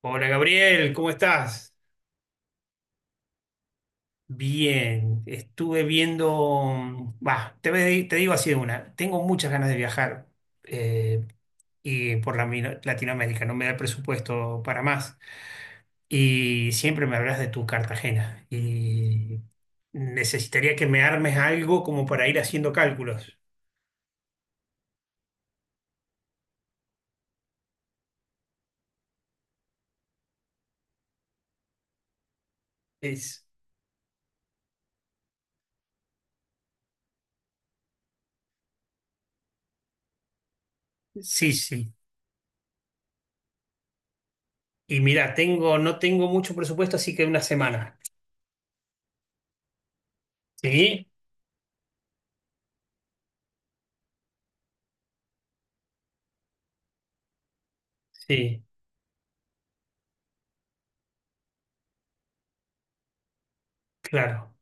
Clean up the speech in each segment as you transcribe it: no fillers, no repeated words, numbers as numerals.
Hola Gabriel, ¿cómo estás? Bien, estuve viendo, bah, te digo así de una, tengo muchas ganas de viajar eh, y por Latinoamérica, no me da el presupuesto para más. Y siempre me hablas de tu Cartagena y necesitaría que me armes algo como para ir haciendo cálculos. Es, sí, sí. Y mira, no tengo mucho presupuesto, así que una semana. ¿Sí? Sí, claro.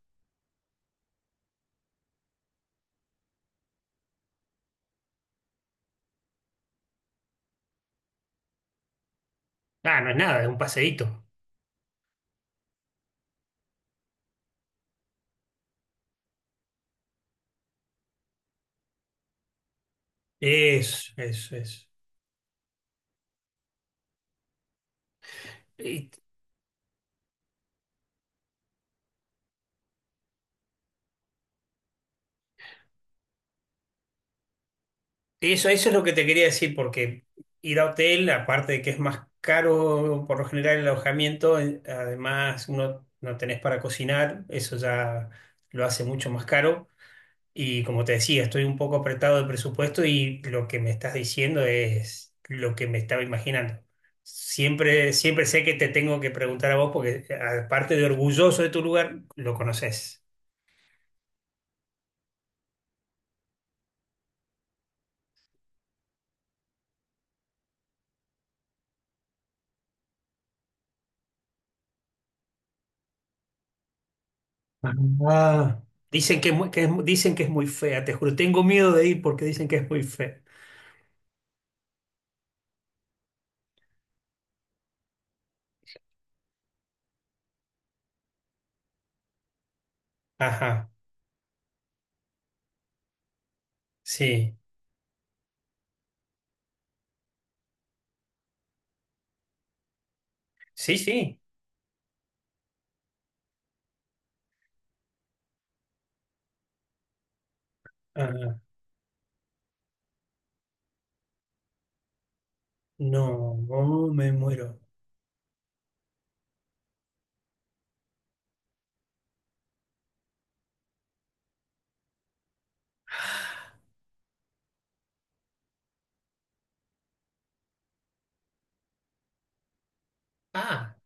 Ah, no es nada, es un paseíto. Eso, eso, eso. Y eso, eso es lo que te quería decir, porque ir a hotel, aparte de que es más caro por lo general el alojamiento, además uno no tenés para cocinar, eso ya lo hace mucho más caro. Y como te decía, estoy un poco apretado de presupuesto y lo que me estás diciendo es lo que me estaba imaginando. Siempre, siempre sé que te tengo que preguntar a vos, porque aparte de orgulloso de tu lugar, lo conoces. Ah, dicen que, es muy- que es, dicen que es muy fea, te juro. Tengo miedo de ir porque dicen que es muy fea. Ajá, sí, sí, sí. Ajá. No, oh, me muero. Ah,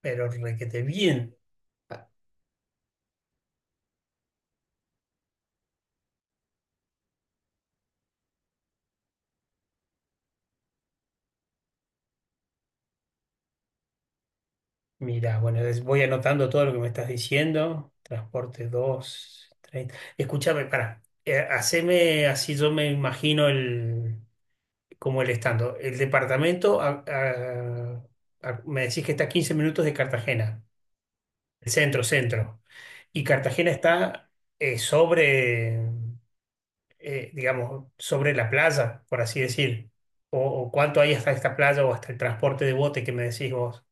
pero requete bien. Ah, mira, voy anotando todo lo que me estás diciendo. Transporte 2, 30. Escúchame, pará. Haceme así, yo me imagino como el estando. El departamento, me decís que está a 15 minutos de Cartagena. El centro, centro. Y Cartagena está sobre, digamos, sobre la playa, por así decir. O cuánto hay hasta esta playa o hasta el transporte de bote que me decís vos.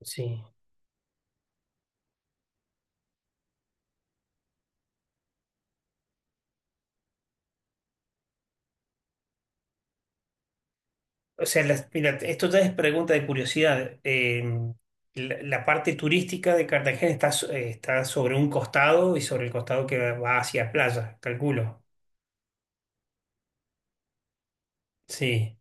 Sí. O sea, mira, esto ya es pregunta de curiosidad. La, la parte turística de Cartagena está sobre un costado y sobre el costado que va hacia playa, calculo. Sí.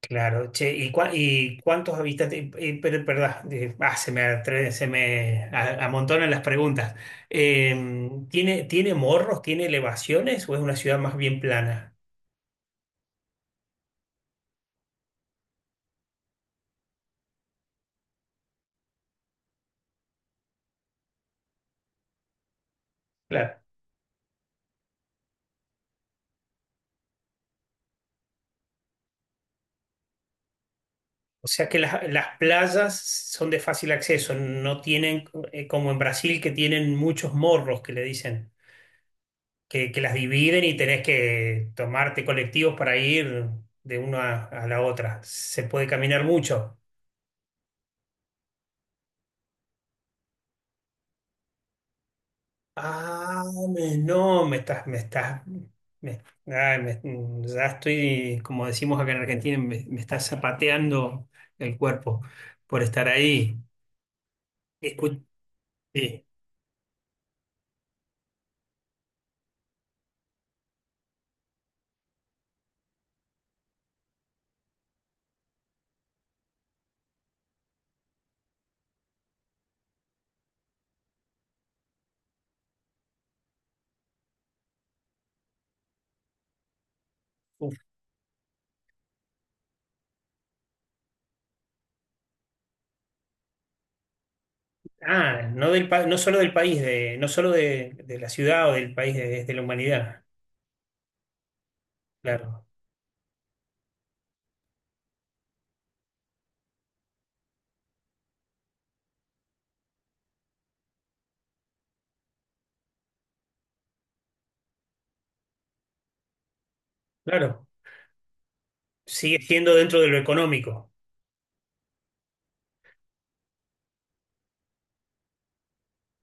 Claro, che, ¿y, y cuántos habitantes? Pero, perdón, se me amontonan las preguntas. Eh, ¿Tiene, tiene morros? ¿Tiene elevaciones? ¿O es una ciudad más bien plana? Claro. O sea que las playas son de fácil acceso, no tienen, como en Brasil, que tienen muchos morros que le dicen, que las dividen y tenés que tomarte colectivos para ir de una a la otra. Se puede caminar mucho. Ah, me- no, me estás, me estás, me, ay, me- mm, ya estoy, como decimos acá en Argentina, me está zapateando el cuerpo por estar ahí. Escu- sí. Uf. Ah, no solo del país, no solo de la ciudad o del país, de la humanidad. Claro, claro. Sigue siendo dentro de lo económico.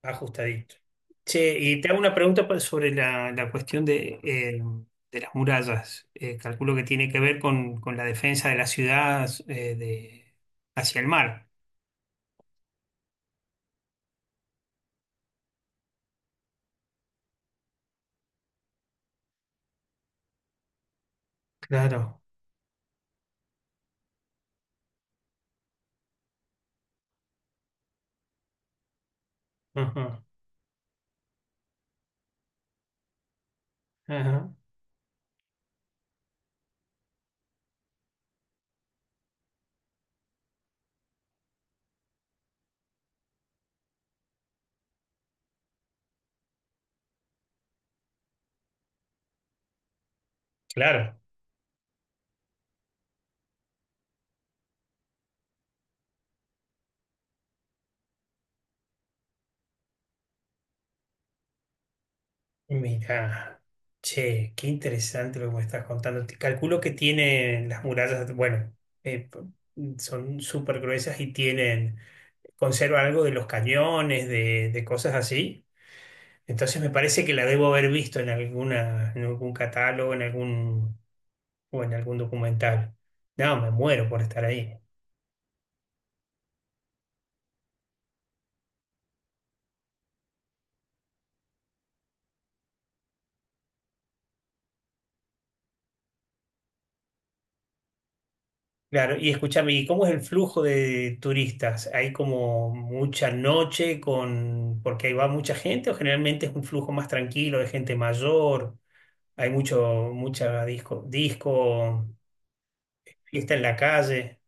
Ajustadito. Che, y te hago una pregunta sobre la, la cuestión de las murallas. Calculo que tiene que ver con la defensa de las ciudades de, hacia el mar. Claro. Ajá, ajá. Claro. Mira. Che, qué interesante lo que me estás contando. Calculo que tienen las murallas, bueno, son súper gruesas y tienen, conserva algo de los cañones, de cosas así. Entonces me parece que la debo haber visto en alguna, en algún catálogo, en algún, o en algún documental. No, me muero por estar ahí. Claro, y escúchame, ¿y cómo es el flujo de turistas? ¿Hay como mucha noche con, porque ahí va mucha gente o generalmente es un flujo más tranquilo de gente mayor? Hay mucho, mucha disco, fiesta en la calle.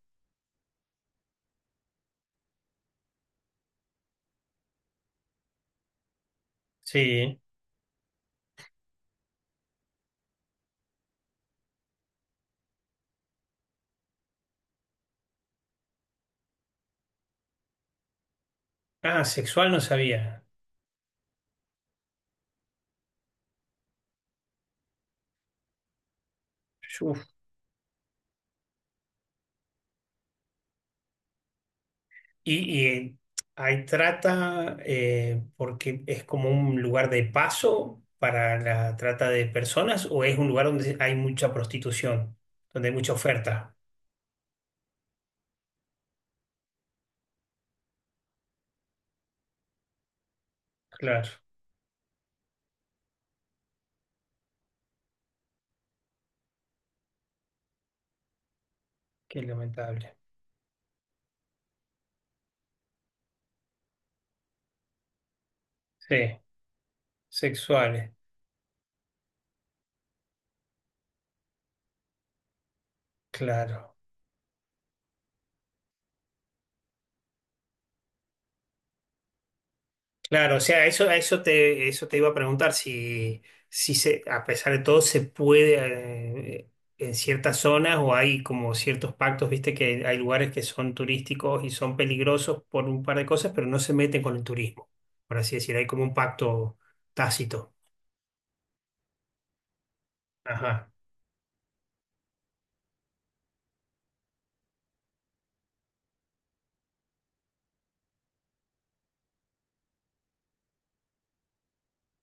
Sí. Ah, sexual no sabía. Uf, y ahí trata, porque es como un lugar de paso para la trata de personas, o es un lugar donde hay mucha prostitución, donde hay mucha oferta. Claro, qué lamentable. Sí, sexuales, claro. Claro, o sea, eso te iba a preguntar si, si se, a pesar de todo se puede en ciertas zonas o hay como ciertos pactos, viste que hay lugares que son turísticos y son peligrosos por un par de cosas, pero no se meten con el turismo, por así decir, hay como un pacto tácito. Ajá.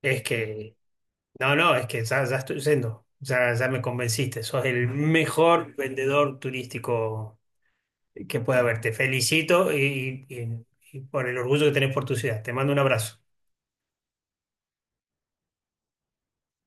Es que, no, no, es que ya, ya estoy yendo, ya, ya me convenciste, sos el mejor vendedor turístico que pueda verte. Felicito y por el orgullo que tenés por tu ciudad. Te mando un abrazo.